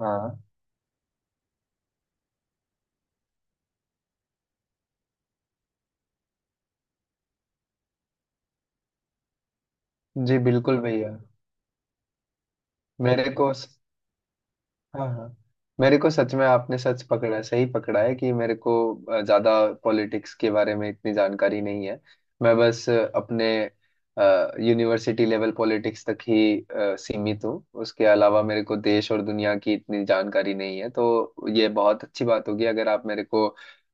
हाँ जी बिल्कुल भैया। मेरे को स- हाँ हाँ। मेरे को सच में आपने सच पकड़ा है सही पकड़ा है कि मेरे को ज्यादा पॉलिटिक्स के बारे में इतनी जानकारी नहीं है। मैं बस अपने यूनिवर्सिटी लेवल पॉलिटिक्स तक ही सीमित हूँ। उसके अलावा मेरे को देश और दुनिया की इतनी जानकारी नहीं है, तो ये बहुत अच्छी बात होगी अगर आप मेरे को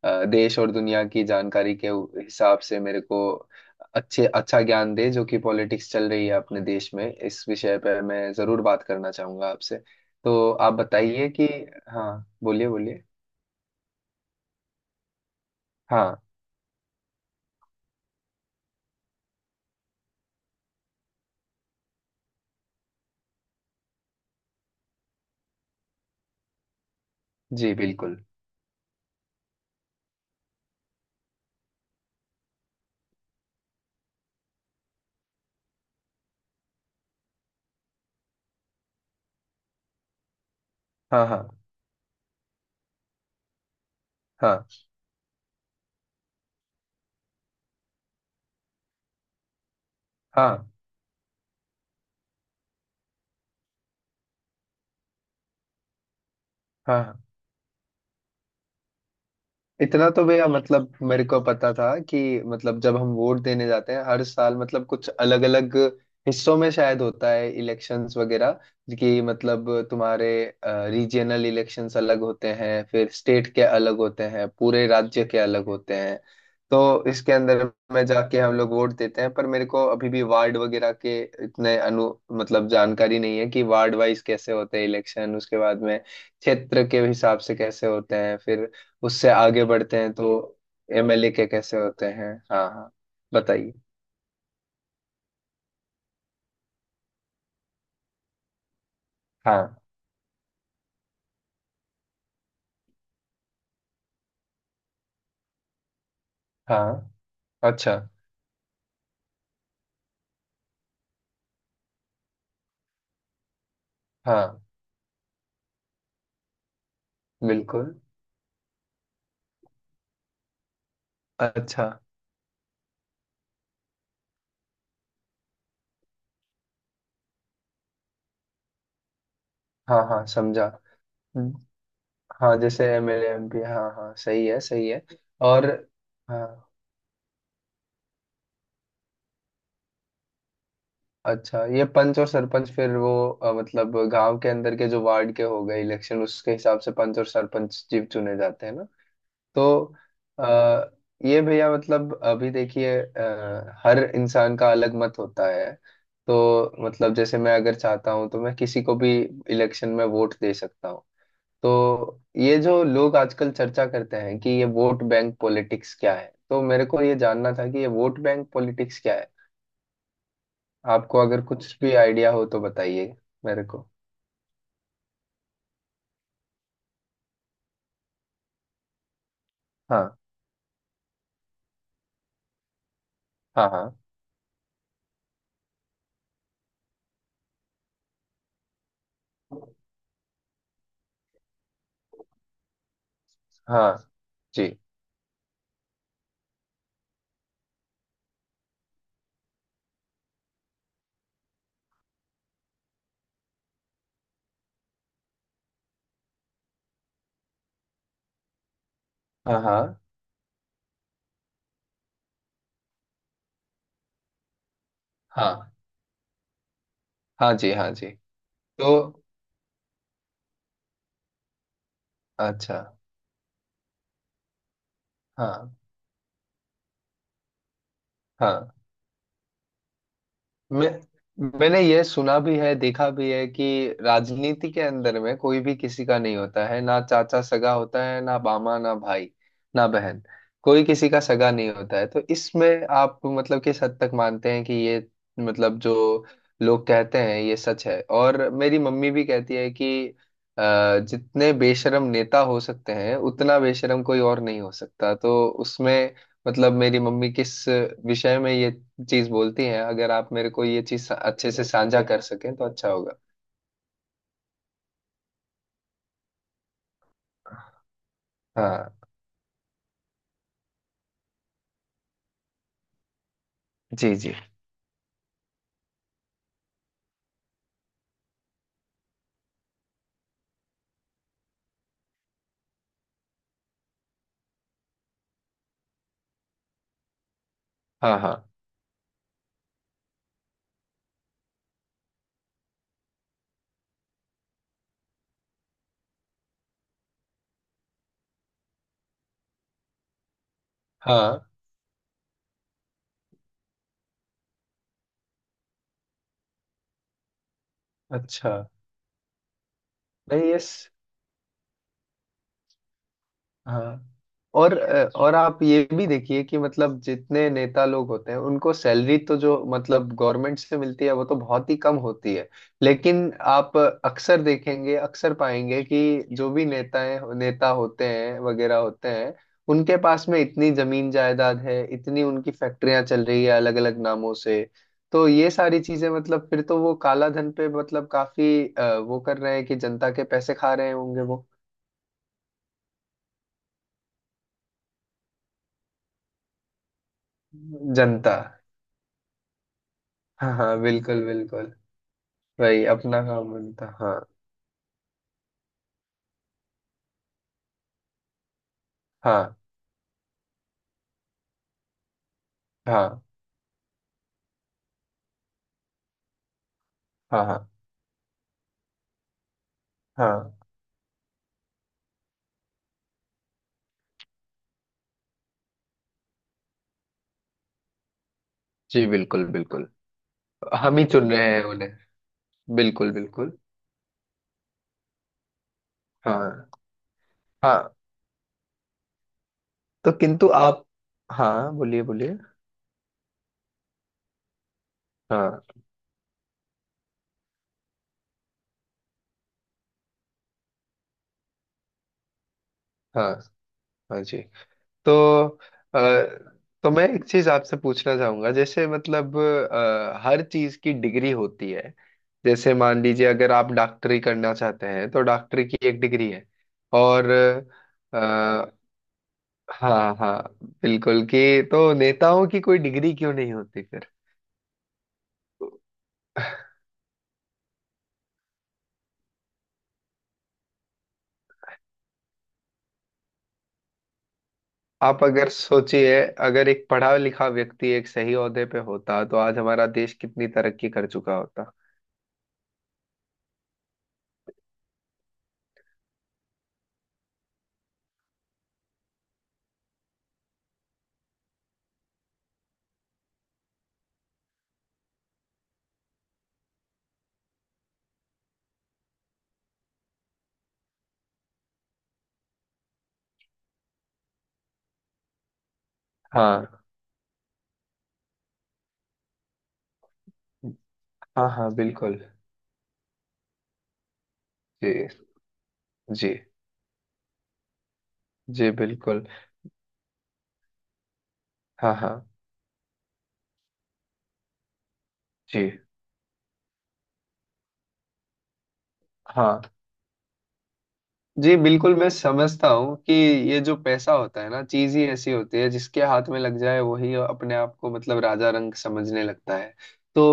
देश और दुनिया की जानकारी के हिसाब से मेरे को अच्छे अच्छा ज्ञान दे, जो कि पॉलिटिक्स चल रही है अपने देश में। इस विषय पर मैं जरूर बात करना चाहूंगा आपसे। तो आप बताइए कि। हाँ, बोलिए बोलिए। हाँ जी बिल्कुल। हाँ हाँ। हाँ हाँ हाँ हाँ। इतना तो भैया मतलब मेरे को पता था कि मतलब जब हम वोट देने जाते हैं हर साल, मतलब कुछ अलग अलग हिस्सों में शायद होता है इलेक्शंस वगैरह, कि मतलब तुम्हारे रीजनल इलेक्शंस अलग होते हैं, फिर स्टेट के अलग होते हैं, पूरे राज्य के अलग होते हैं। तो इसके अंदर में जाके हम लोग वोट देते हैं, पर मेरे को अभी भी वार्ड वगैरह के इतने अनु मतलब जानकारी नहीं है कि वार्ड वाइज कैसे होते हैं इलेक्शन, उसके बाद में क्षेत्र के हिसाब से कैसे होते हैं, फिर उससे आगे बढ़ते हैं तो एमएलए के कैसे होते हैं। हाँ हाँ, बताइए। हाँ हाँ। अच्छा। हाँ। बिल्कुल। अच्छा। हाँ हाँ, समझा। हम्म, हाँ, जैसे एमएलए एमपी, हाँ हाँ, सही है सही है। और। हाँ। अच्छा, ये पंच और सरपंच फिर वो मतलब गांव के अंदर के जो वार्ड के हो गए इलेक्शन, उसके हिसाब से पंच और सरपंच जीव चुने जाते हैं ना। तो आ, ये भैया मतलब अभी देखिए, हर इंसान का अलग मत होता है, तो मतलब जैसे मैं अगर चाहता हूँ तो मैं किसी को भी इलेक्शन में वोट दे सकता हूँ। तो ये जो लोग आजकल चर्चा करते हैं कि ये वोट बैंक पॉलिटिक्स क्या है, तो मेरे को ये जानना था कि ये वोट बैंक पॉलिटिक्स क्या है। आपको अगर कुछ भी आइडिया हो तो बताइए मेरे को। हाँ हाँ हाँ हाँ जी, हाँ। हाँ हाँ जी, हाँ जी। तो। अच्छा। हाँ हाँ। मैं मैंने ये सुना भी है देखा भी है कि राजनीति के अंदर में कोई भी किसी का नहीं होता है, ना चाचा सगा होता है, ना मामा, ना भाई, ना बहन। कोई किसी का सगा नहीं होता है। तो इसमें आप मतलब किस हद तक मानते हैं कि ये मतलब जो लोग कहते हैं ये सच है? और मेरी मम्मी भी कहती है कि जितने बेशरम नेता हो सकते हैं उतना बेशरम कोई और नहीं हो सकता। तो उसमें मतलब मेरी मम्मी किस विषय में ये चीज बोलती हैं, अगर आप मेरे को ये चीज अच्छे से साझा कर सकें तो अच्छा होगा। हाँ। जी जी। हाँ हाँ हाँ। अच्छा। नहीं ये। हाँ। और और आप ये भी देखिए कि मतलब जितने नेता लोग होते हैं उनको सैलरी तो जो मतलब गवर्नमेंट से मिलती है वो तो बहुत ही कम होती है। लेकिन आप अक्सर देखेंगे अक्सर पाएंगे कि जो भी नेता होते हैं वगैरह होते हैं, उनके पास में इतनी जमीन जायदाद है, इतनी उनकी फैक्ट्रियां चल रही है अलग अलग नामों से। तो ये सारी चीजें मतलब फिर तो वो काला धन पे मतलब काफी वो कर रहे हैं कि जनता के पैसे खा रहे होंगे वो। जनता। हाँ हाँ, बिल्कुल बिल्कुल। वही अपना काम बनता, हाँ हाँ हाँ हाँ हाँ। जी बिल्कुल बिल्कुल। हम ही चुन रहे हैं उन्हें। बिल्कुल बिल्कुल। हाँ हाँ। तो किंतु आप, हाँ, बोलिए बोलिए। हाँ हाँ। हाँ जी। तो अ, तो मैं एक चीज आपसे पूछना चाहूंगा, जैसे मतलब हर चीज की डिग्री होती है। जैसे मान लीजिए अगर आप डॉक्टरी करना चाहते हैं तो डॉक्टरी की एक डिग्री है। और अ, हाँ हाँ, बिल्कुल कि तो नेताओं की कोई डिग्री क्यों नहीं होती फिर? आप अगर सोचिए, अगर एक पढ़ा लिखा व्यक्ति एक सही ओहदे पे होता तो आज हमारा देश कितनी तरक्की कर चुका होता। हाँ हाँ। हाँ, बिल्कुल। जी जी। जी बिल्कुल। हाँ हाँ जी, हाँ। जी बिल्कुल। मैं समझता हूँ कि ये जो पैसा होता है ना, चीज ही ऐसी होती है जिसके हाथ में लग जाए वही अपने आप को मतलब राजा रंग समझने लगता है। तो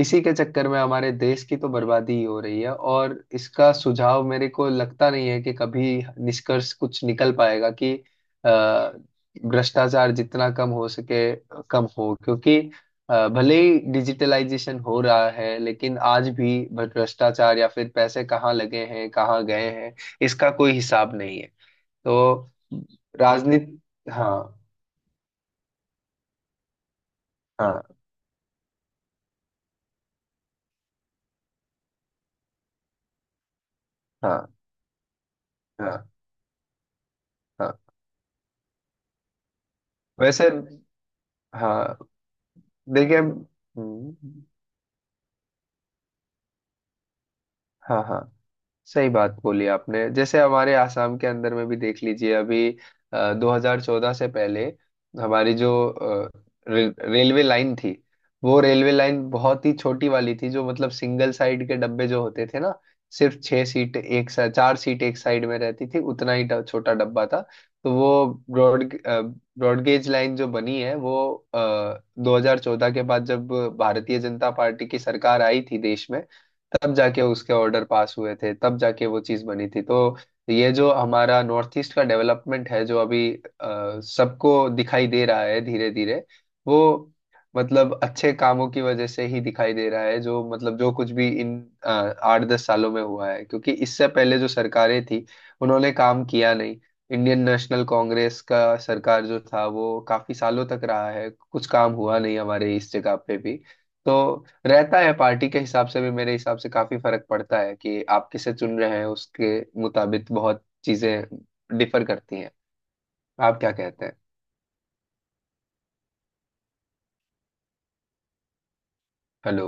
इसी के चक्कर में हमारे देश की तो बर्बादी ही हो रही है, और इसका सुझाव मेरे को लगता नहीं है कि कभी निष्कर्ष कुछ निकल पाएगा कि अ, भ्रष्टाचार जितना कम हो सके कम हो। क्योंकि भले ही डिजिटलाइजेशन हो रहा है लेकिन आज भी भ्रष्टाचार या फिर पैसे कहाँ लगे हैं कहाँ गए हैं, इसका कोई हिसाब नहीं है। तो राजनीति। हाँ हाँ हाँ हाँ हाँ। वैसे। हाँ। देखिए। हाँ हाँ, सही बात बोली आपने। जैसे हमारे आसाम के अंदर में भी देख लीजिए, अभी 2014 से पहले हमारी जो रेलवे लाइन थी, वो रेलवे लाइन बहुत ही छोटी वाली थी, जो मतलब सिंगल साइड के डब्बे जो होते थे ना, सिर्फ छह सीट एक चार सीट एक साइड में रहती थी, उतना ही छोटा डब्बा था। तो वो ब्रॉड ब्रॉडगेज लाइन जो बनी है वो आ, 2014 के बाद जब भारतीय जनता पार्टी की सरकार आई थी देश में, तब जाके उसके ऑर्डर पास हुए थे, तब जाके वो चीज़ बनी थी। तो ये जो हमारा नॉर्थ ईस्ट का डेवलपमेंट है जो अभी सबको दिखाई दे रहा है धीरे धीरे, वो मतलब अच्छे कामों की वजह से ही दिखाई दे रहा है, जो मतलब जो कुछ भी इन अ, 8-10 सालों में हुआ है। क्योंकि इससे पहले जो सरकारें थी उन्होंने काम किया नहीं। इंडियन नेशनल कांग्रेस का सरकार जो था वो काफी सालों तक रहा है, कुछ काम हुआ नहीं हमारे इस जगह पे भी। तो रहता है पार्टी के हिसाब से भी, मेरे हिसाब से काफी फर्क पड़ता है कि आप किसे चुन रहे हैं, उसके मुताबिक बहुत चीजें डिफर करती हैं। आप क्या कहते हैं? हेलो।